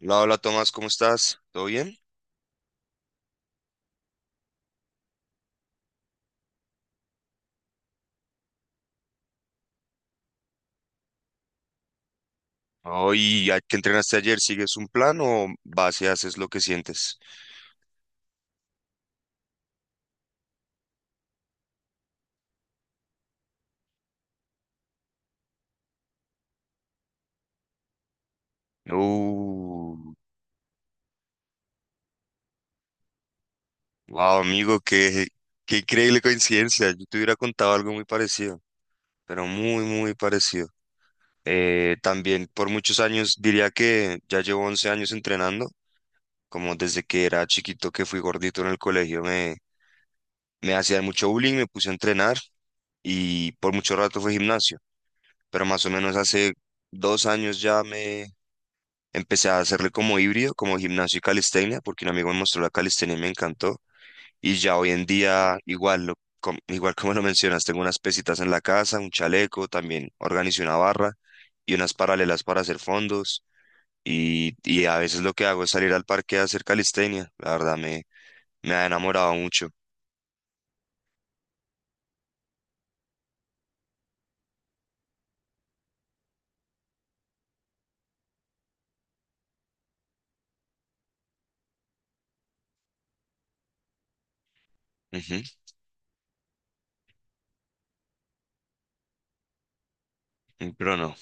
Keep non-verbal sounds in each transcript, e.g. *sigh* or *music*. Hola, hola Tomás, ¿cómo estás? ¿Todo bien? Hoy, ¿qué entrenaste ayer? ¿Sigues un plan o vas y haces lo que sientes? Uh, wow, amigo, qué increíble coincidencia. Yo te hubiera contado algo muy parecido, pero muy, muy parecido. También por muchos años, diría que ya llevo 11 años entrenando, como desde que era chiquito que fui gordito en el colegio, me hacían mucho bullying, me puse a entrenar y por mucho rato fue gimnasio, pero más o menos hace 2 años ya me Empecé a hacerle como híbrido, como gimnasio y calistenia, porque un amigo me mostró la calistenia y me encantó. Y ya hoy en día, igual, igual como lo mencionas, tengo unas pesitas en la casa, un chaleco, también organicé una barra y unas paralelas para hacer fondos. Y, y, a veces lo que hago es salir al parque a hacer calistenia. La verdad, me ha enamorado mucho. Ujú. Mm. Pero no.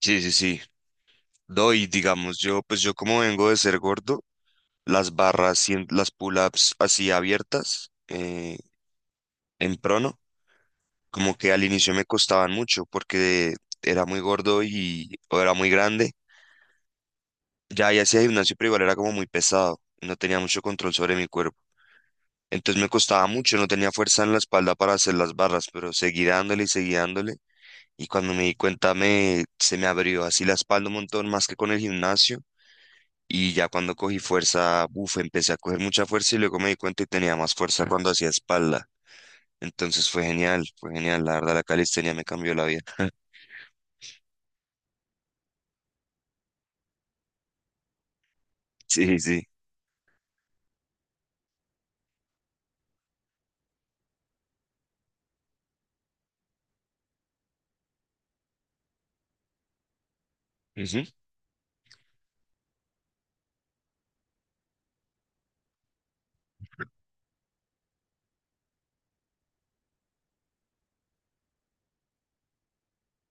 Sí, sí, sí. No, y digamos, pues yo como vengo de ser gordo, las barras, las pull-ups así abiertas, en prono, como que al inicio me costaban mucho porque era muy gordo y o era muy grande. Ya, ya hacía gimnasio, pero igual era como muy pesado. No tenía mucho control sobre mi cuerpo. Entonces me costaba mucho, no tenía fuerza en la espalda para hacer las barras, pero seguí dándole. Y cuando me di cuenta, se me abrió así la espalda un montón más que con el gimnasio. Y ya cuando cogí fuerza, buf, empecé a coger mucha fuerza y luego me di cuenta y tenía más fuerza cuando hacía espalda. Entonces fue genial, fue genial. La verdad, la calistenia me cambió la vida. *laughs* Sí, sí. Ujú.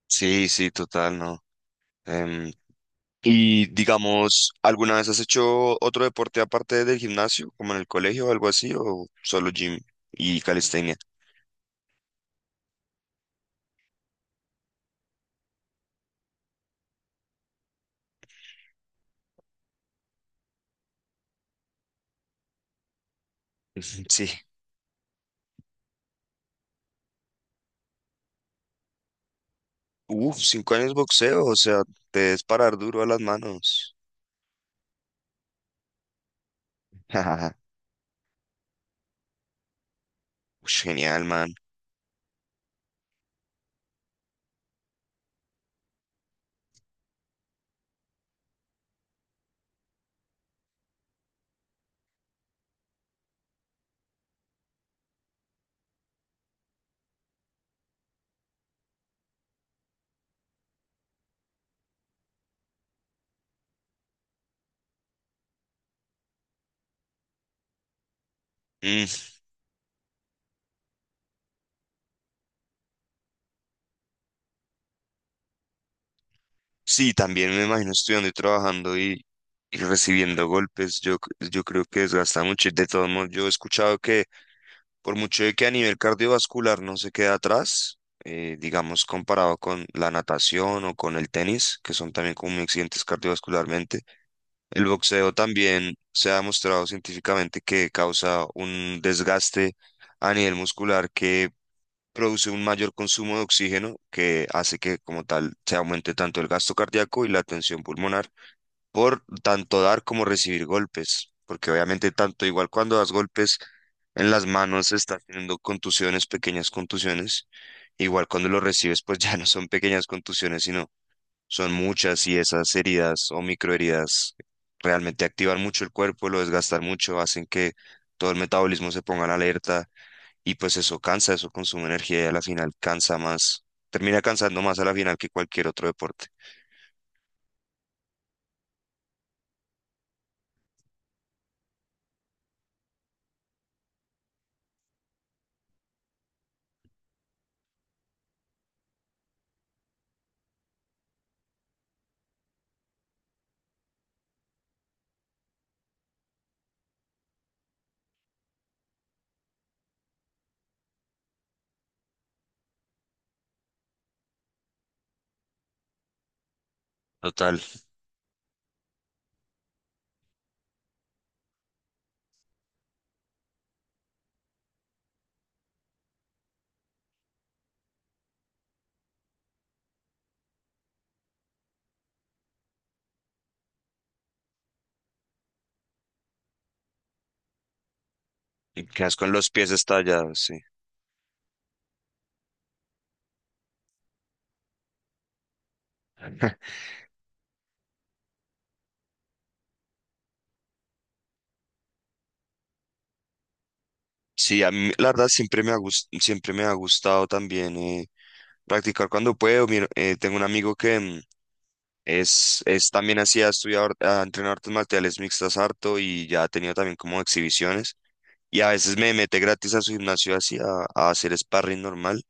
Sí, sí, total, no. Em, y digamos, ¿alguna vez has hecho otro deporte aparte del gimnasio, como en el colegio o algo así, o solo gym y calistenia? *laughs* Sí. Uf, 5 años boxeo, o sea, te debes parar duro a las manos. *laughs* Ush, genial, man. Mm, sí, también me imagino estudiando y trabajando y recibiendo golpes. Yo creo que desgasta mucho, y de todos modos, yo he escuchado que por mucho de que a nivel cardiovascular no se queda atrás, digamos comparado con la natación o con el tenis, que son también como muy exigentes cardiovascularmente, el boxeo también se ha demostrado científicamente que causa un desgaste a nivel muscular que produce un mayor consumo de oxígeno que hace que como tal se aumente tanto el gasto cardíaco y la tensión pulmonar por tanto dar como recibir golpes, porque obviamente tanto igual cuando das golpes en las manos estás teniendo contusiones, pequeñas contusiones, igual cuando lo recibes pues *laughs* ya no son pequeñas contusiones, sino son muchas, y esas heridas o microheridas realmente activan mucho el cuerpo, lo desgastan mucho, hacen que todo el metabolismo se ponga en alerta y pues eso cansa, eso consume energía y a la final cansa más, termina cansando más a la final que cualquier otro deporte. Total, y quedas con los pies estallados, sí. *laughs* Sí, a mí la verdad siempre me ha gustado también practicar cuando puedo. Mira, tengo un amigo que es también así, ha entrenado artes marciales mixtas harto y ya ha tenido también como exhibiciones. Y a veces me mete gratis a su gimnasio así a hacer sparring normal.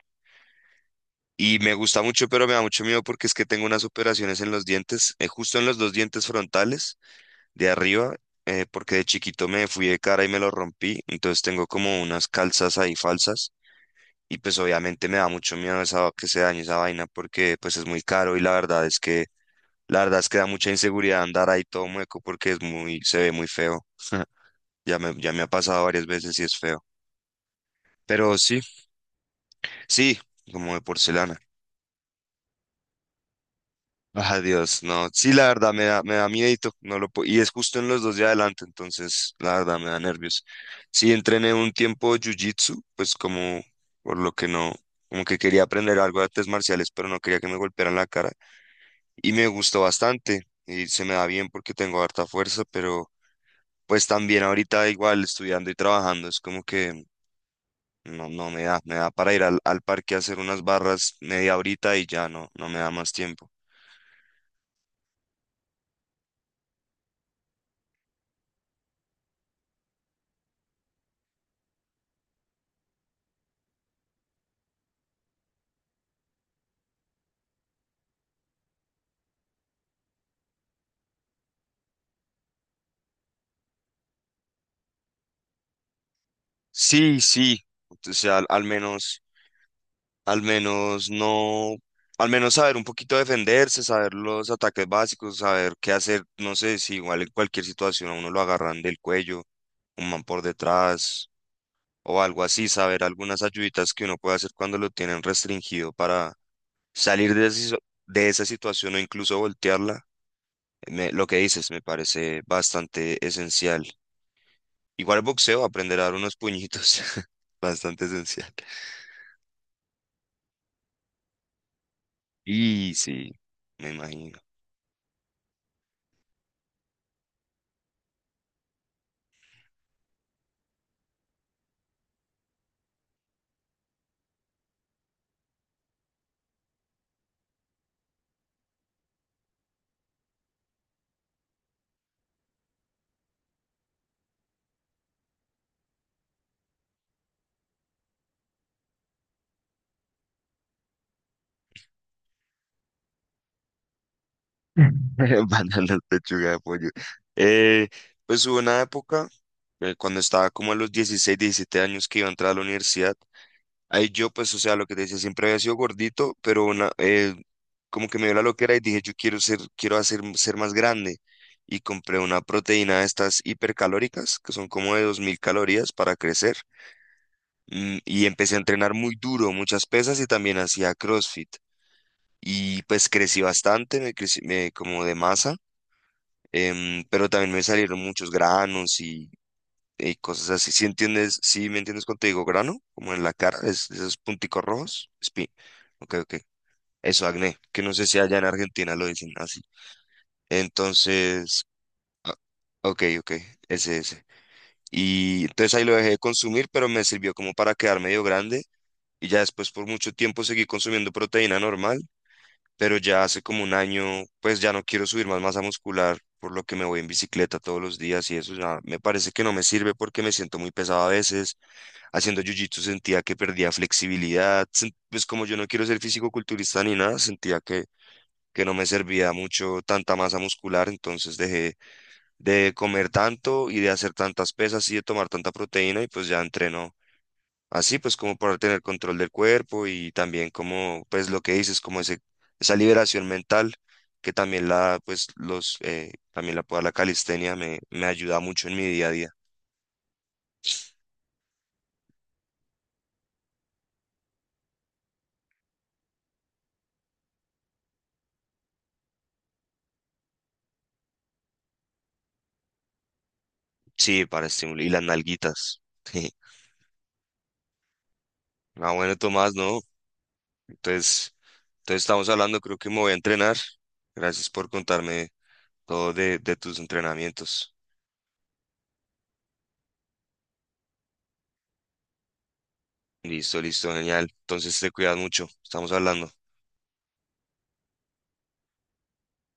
Y me gusta mucho, pero me da mucho miedo porque es que tengo unas operaciones en los dientes, justo en los dos dientes frontales de arriba, porque de chiquito me fui de cara y me lo rompí. Entonces tengo como unas calzas ahí falsas. Y pues obviamente me da mucho miedo esa, que se dañe esa vaina porque pues es muy caro, y la verdad es que da mucha inseguridad andar ahí todo mueco porque es muy, se ve muy feo. *laughs* Ya me ha pasado varias veces y es feo. Pero sí, sí, como de porcelana. *laughs* Ah, dios no. Sí, la verdad me da miedito. No lo puedo, y es justo en los dos de adelante, entonces la verdad me da nervios. Sí, entrené un tiempo jiu-jitsu, pues como por lo que no, como que quería aprender algo de artes marciales, pero no quería que me golpearan la cara. Y me gustó bastante y se me da bien porque tengo harta fuerza, pero pues también ahorita igual estudiando y trabajando es como que no, no me da, me da para ir al parque a hacer unas barras media horita y ya no, no me da más tiempo. Sí, sí, o sea, al, al menos no, al menos saber un poquito defenderse, saber los ataques básicos, saber qué hacer, no sé, si igual en cualquier situación a uno lo agarran del cuello, un man por detrás, o algo así, saber algunas ayuditas que uno puede hacer cuando lo tienen restringido para salir de, de esa situación o incluso voltearla. Lo que dices me parece bastante esencial. Igual boxeo, aprender a dar unos puñitos, *laughs* bastante esencial. Y sí, me imagino. *laughs* Van pechuga de pollo. Eh, pues hubo una época, cuando estaba como a los 16, 17 años que iba a entrar a la universidad. Ahí yo, pues, o sea, lo que te decía, siempre había sido gordito, pero como que me dio la loquera y dije, yo quiero ser, quiero hacer, ser más grande. Y compré una proteína de estas hipercalóricas, que son como de 2000 calorías para crecer. Y empecé a entrenar muy duro, muchas pesas y también hacía CrossFit. Y pues crecí bastante, como de masa, pero también me salieron muchos granos y cosas así. Si entiendes, si me entiendes cuando te digo grano, como en la cara, esos punticos rojos, spin. Ok, ok. Eso, acné, que no sé si allá en Argentina lo dicen así. Entonces, ok, ok, ese, ese. Y entonces ahí lo dejé de consumir, pero me sirvió como para quedar medio grande. Y ya después por mucho tiempo seguí consumiendo proteína normal, pero ya hace como un año, pues ya no quiero subir más masa muscular, por lo que me voy en bicicleta todos los días y eso ya me parece que no me sirve porque me siento muy pesado a veces haciendo jiu-jitsu, sentía que perdía flexibilidad. Pues como yo no quiero ser físico culturista ni nada, sentía que no me servía mucho tanta masa muscular, entonces dejé de comer tanto y de hacer tantas pesas y de tomar tanta proteína y pues ya entreno así, pues como para tener control del cuerpo y también como pues lo que dices, como ese, esa liberación mental que también la pues los también la puedo la calistenia me ayuda mucho en mi día a día. Sí, para estimular y las nalguitas. *laughs* Ah, bueno, Tomás, ¿no? Entonces, estamos hablando, creo que me voy a entrenar. Gracias por contarme todo de tus entrenamientos. Listo, listo, genial. Entonces te cuidas mucho. Estamos hablando.